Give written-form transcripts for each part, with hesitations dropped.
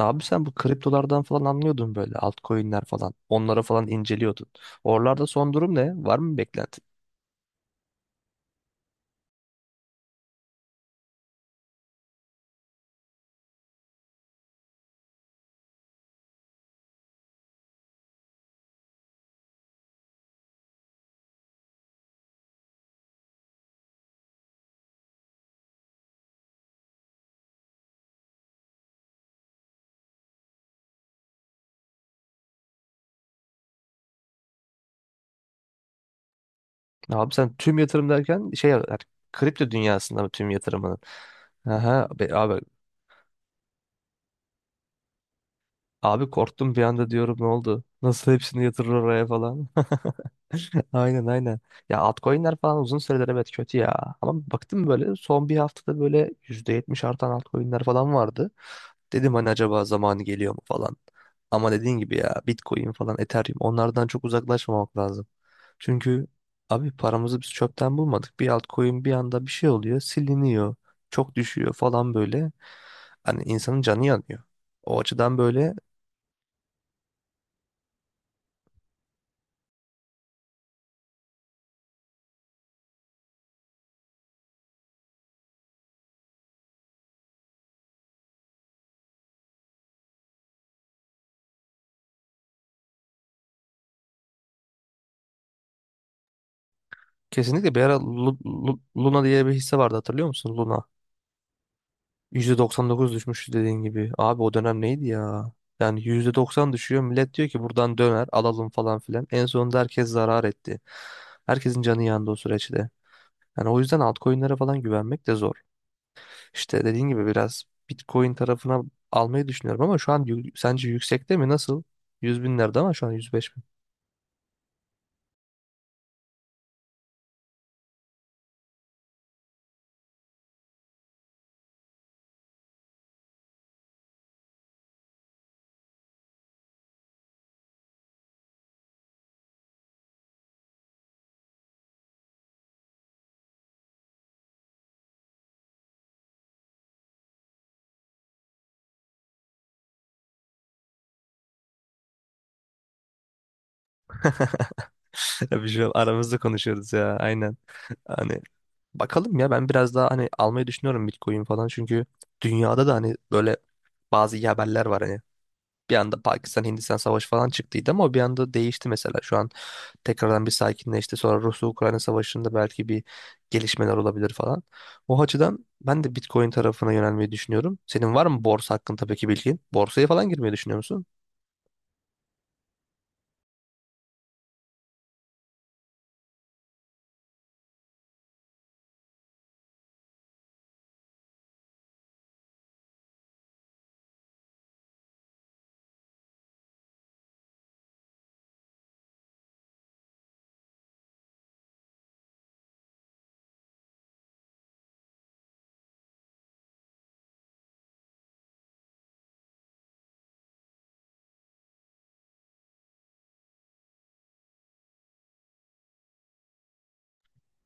Abi sen bu kriptolardan falan anlıyordun böyle altcoin'ler falan. Onları falan inceliyordun. Oralarda son durum ne? Var mı bir beklenti? Abi sen tüm yatırım derken şey yani kripto dünyasında mı tüm yatırımının? Aha, abi korktum bir anda diyorum ne oldu? Nasıl hepsini yatırır oraya falan? Aynen aynen. Ya altcoin'ler falan uzun süredir evet kötü ya. Ama baktım böyle son bir haftada böyle %70 artan altcoin'ler falan vardı. Dedim hani acaba zamanı geliyor mu falan. Ama dediğin gibi ya Bitcoin falan Ethereum onlardan çok uzaklaşmamak lazım. Çünkü abi paramızı biz çöpten bulmadık. Bir altcoin bir anda bir şey oluyor siliniyor. Çok düşüyor falan böyle. Hani insanın canı yanıyor. O açıdan böyle kesinlikle bir ara Luna diye bir hisse vardı hatırlıyor musun? Luna. %99 düşmüş dediğin gibi. Abi o dönem neydi ya? Yani %90 düşüyor. Millet diyor ki buradan döner alalım falan filan. En sonunda herkes zarar etti. Herkesin canı yandı o süreçte. Yani o yüzden altcoin'lere falan güvenmek de zor. İşte dediğin gibi biraz Bitcoin tarafına almayı düşünüyorum ama şu an sence yüksekte mi? Nasıl? Yüz binlerde ama şu an 105. Tabii şu an aramızda konuşuyoruz ya aynen. Hani bakalım ya ben biraz daha hani almayı düşünüyorum Bitcoin falan çünkü dünyada da hani böyle bazı iyi haberler var hani. Bir anda Pakistan Hindistan savaşı falan çıktıydı ama o bir anda değişti mesela. Şu an tekrardan bir sakinleşti. Sonra Rusya-Ukrayna savaşında belki bir gelişmeler olabilir falan. O açıdan ben de Bitcoin tarafına yönelmeyi düşünüyorum. Senin var mı borsa hakkında peki bilgin? Borsaya falan girmeyi düşünüyor musun?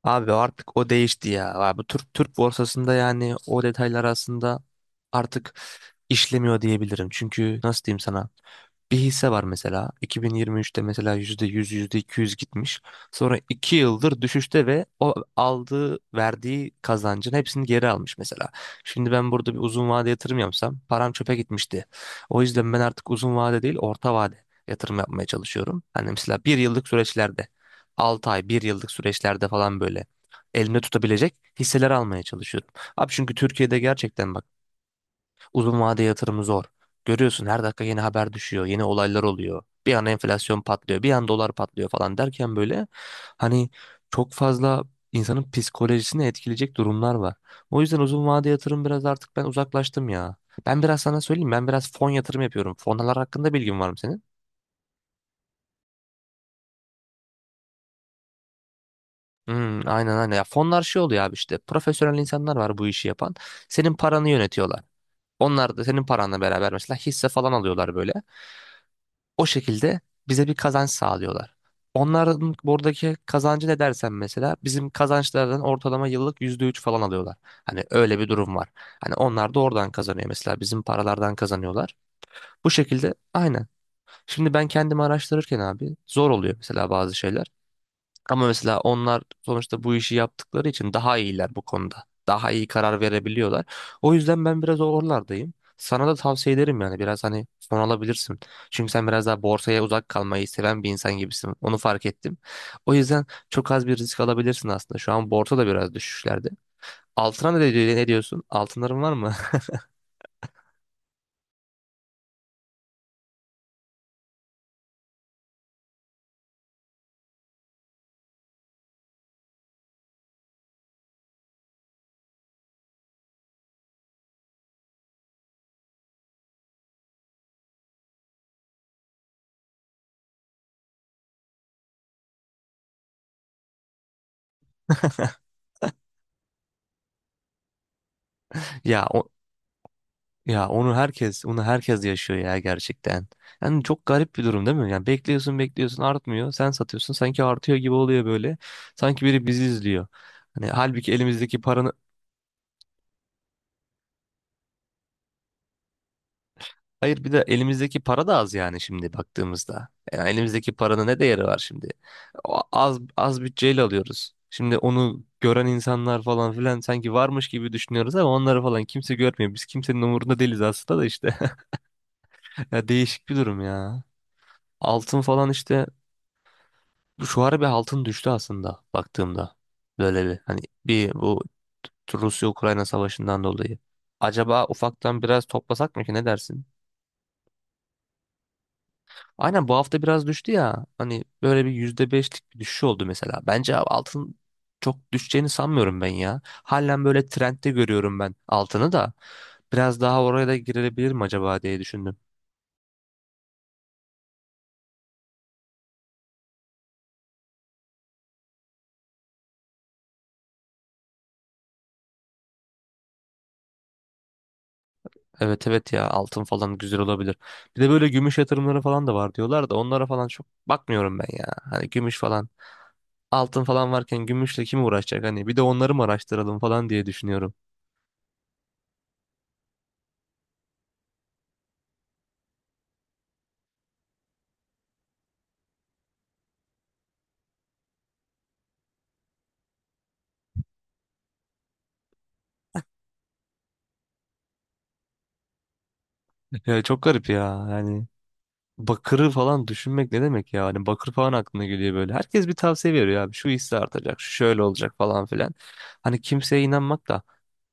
Abi artık o değişti ya. Abi bu Türk borsasında yani o detaylar aslında artık işlemiyor diyebilirim. Çünkü nasıl diyeyim sana? Bir hisse var mesela 2023'te mesela %100 %200 gitmiş. Sonra 2 yıldır düşüşte ve o aldığı verdiği kazancın hepsini geri almış mesela. Şimdi ben burada bir uzun vade yatırım yapsam param çöpe gitmişti. O yüzden ben artık uzun vade değil orta vade yatırım yapmaya çalışıyorum. Hani mesela bir yıllık süreçlerde 6 ay bir yıllık süreçlerde falan böyle elimde tutabilecek hisseler almaya çalışıyorum. Abi çünkü Türkiye'de gerçekten bak uzun vade yatırımı zor. Görüyorsun her dakika yeni haber düşüyor, yeni olaylar oluyor. Bir an enflasyon patlıyor, bir an dolar patlıyor falan derken böyle hani çok fazla insanın psikolojisini etkileyecek durumlar var. O yüzden uzun vade yatırım biraz artık ben uzaklaştım ya. Ben biraz sana söyleyeyim ben biraz fon yatırım yapıyorum. Fonlar hakkında bilgin var mı senin? Hmm, aynen aynen. Ya fonlar şey oluyor abi işte profesyonel insanlar var bu işi yapan. Senin paranı yönetiyorlar. Onlar da senin paranla beraber mesela hisse falan alıyorlar böyle. O şekilde bize bir kazanç sağlıyorlar. Onların buradaki kazancı ne dersen mesela bizim kazançlardan ortalama yıllık %3 falan alıyorlar. Hani öyle bir durum var. Hani onlar da oradan kazanıyor mesela bizim paralardan kazanıyorlar. Bu şekilde aynen. Şimdi ben kendimi araştırırken abi zor oluyor mesela bazı şeyler. Ama mesela onlar sonuçta bu işi yaptıkları için daha iyiler bu konuda. Daha iyi karar verebiliyorlar. O yüzden ben biraz oralardayım. Sana da tavsiye ederim yani biraz hani son alabilirsin. Çünkü sen biraz daha borsaya uzak kalmayı seven bir insan gibisin. Onu fark ettim. O yüzden çok az bir risk alabilirsin aslında. Şu an borsa da biraz düşüşlerde. Altına ne diyorsun? Altınların var mı? Ya Ya onu herkes yaşıyor ya gerçekten. Yani çok garip bir durum değil mi? Yani bekliyorsun, bekliyorsun artmıyor. Sen satıyorsun sanki artıyor gibi oluyor böyle. Sanki biri bizi izliyor. Hani halbuki elimizdeki paranın, hayır bir de elimizdeki para da az yani şimdi baktığımızda. Yani elimizdeki paranın ne değeri var şimdi? O az az bütçeyle alıyoruz. Şimdi onu gören insanlar falan filan sanki varmış gibi düşünüyoruz ama onları falan kimse görmüyor. Biz kimsenin umurunda değiliz aslında da işte. Ya değişik bir durum ya. Altın falan işte şu ara bir altın düştü aslında baktığımda. Böyle bir hani bir bu Rusya-Ukrayna savaşından dolayı. Acaba ufaktan biraz toplasak mı ki ne dersin? Aynen bu hafta biraz düştü ya. Hani böyle bir %5'lik bir düşüş oldu mesela. Bence abi altın çok düşeceğini sanmıyorum ben ya. Halen böyle trendde görüyorum ben altını da. Biraz daha oraya da girilebilir mi acaba diye düşündüm. Evet evet ya altın falan güzel olabilir. Bir de böyle gümüş yatırımları falan da var diyorlar da onlara falan çok bakmıyorum ben ya. Hani gümüş falan altın falan varken gümüşle kim uğraşacak hani bir de onları mı araştıralım falan diye düşünüyorum. Ya çok garip ya yani. Bakırı falan düşünmek ne demek ya? Hani bakır falan aklına geliyor böyle. Herkes bir tavsiye veriyor abi. Şu hisse artacak, şu şöyle olacak falan filan. Hani kimseye inanmak da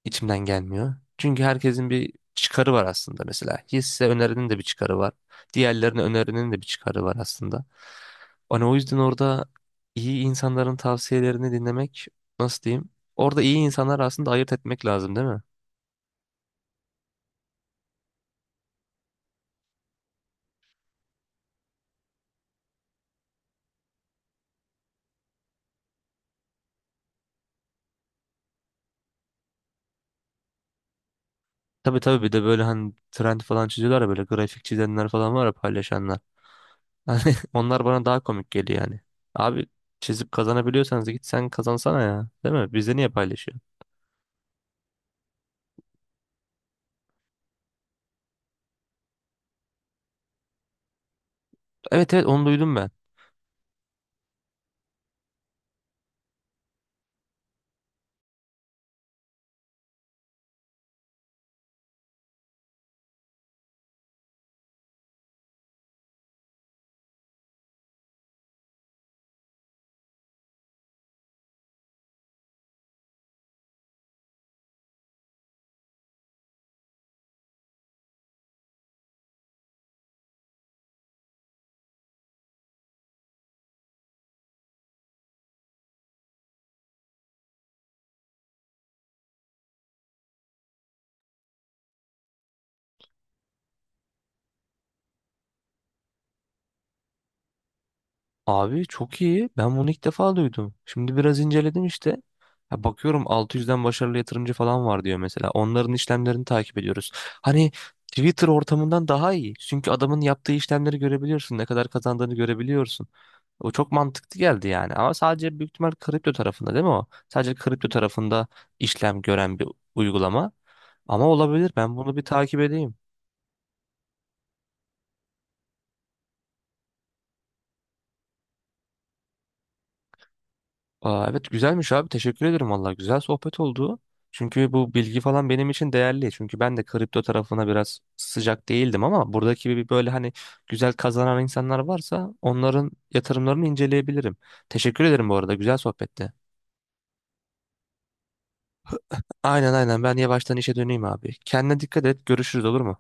içimden gelmiyor. Çünkü herkesin bir çıkarı var aslında mesela. Hisse önerinin de bir çıkarı var. Diğerlerinin önerinin de bir çıkarı var aslında. Hani o yüzden orada iyi insanların tavsiyelerini dinlemek nasıl diyeyim? Orada iyi insanlar aslında ayırt etmek lazım değil mi? Tabii tabii bir de böyle hani trend falan çiziyorlar ya böyle grafik çizenler falan var ya paylaşanlar. Hani onlar bana daha komik geliyor yani. Abi çizip kazanabiliyorsanız git sen kazansana ya. Değil mi? Bizde niye paylaşıyor? Evet evet onu duydum ben. Abi çok iyi. Ben bunu ilk defa duydum. Şimdi biraz inceledim işte. Ya bakıyorum 600'den başarılı yatırımcı falan var diyor mesela. Onların işlemlerini takip ediyoruz. Hani Twitter ortamından daha iyi. Çünkü adamın yaptığı işlemleri görebiliyorsun. Ne kadar kazandığını görebiliyorsun. O çok mantıklı geldi yani. Ama sadece büyük ihtimal kripto tarafında değil mi o? Sadece kripto tarafında işlem gören bir uygulama. Ama olabilir. Ben bunu bir takip edeyim. Aa, evet güzelmiş abi teşekkür ederim valla güzel sohbet oldu. Çünkü bu bilgi falan benim için değerli. Çünkü ben de kripto tarafına biraz sıcak değildim ama buradaki bir böyle hani güzel kazanan insanlar varsa onların yatırımlarını inceleyebilirim. Teşekkür ederim bu arada güzel sohbette. Aynen aynen ben yavaştan işe döneyim abi. Kendine dikkat et görüşürüz olur mu?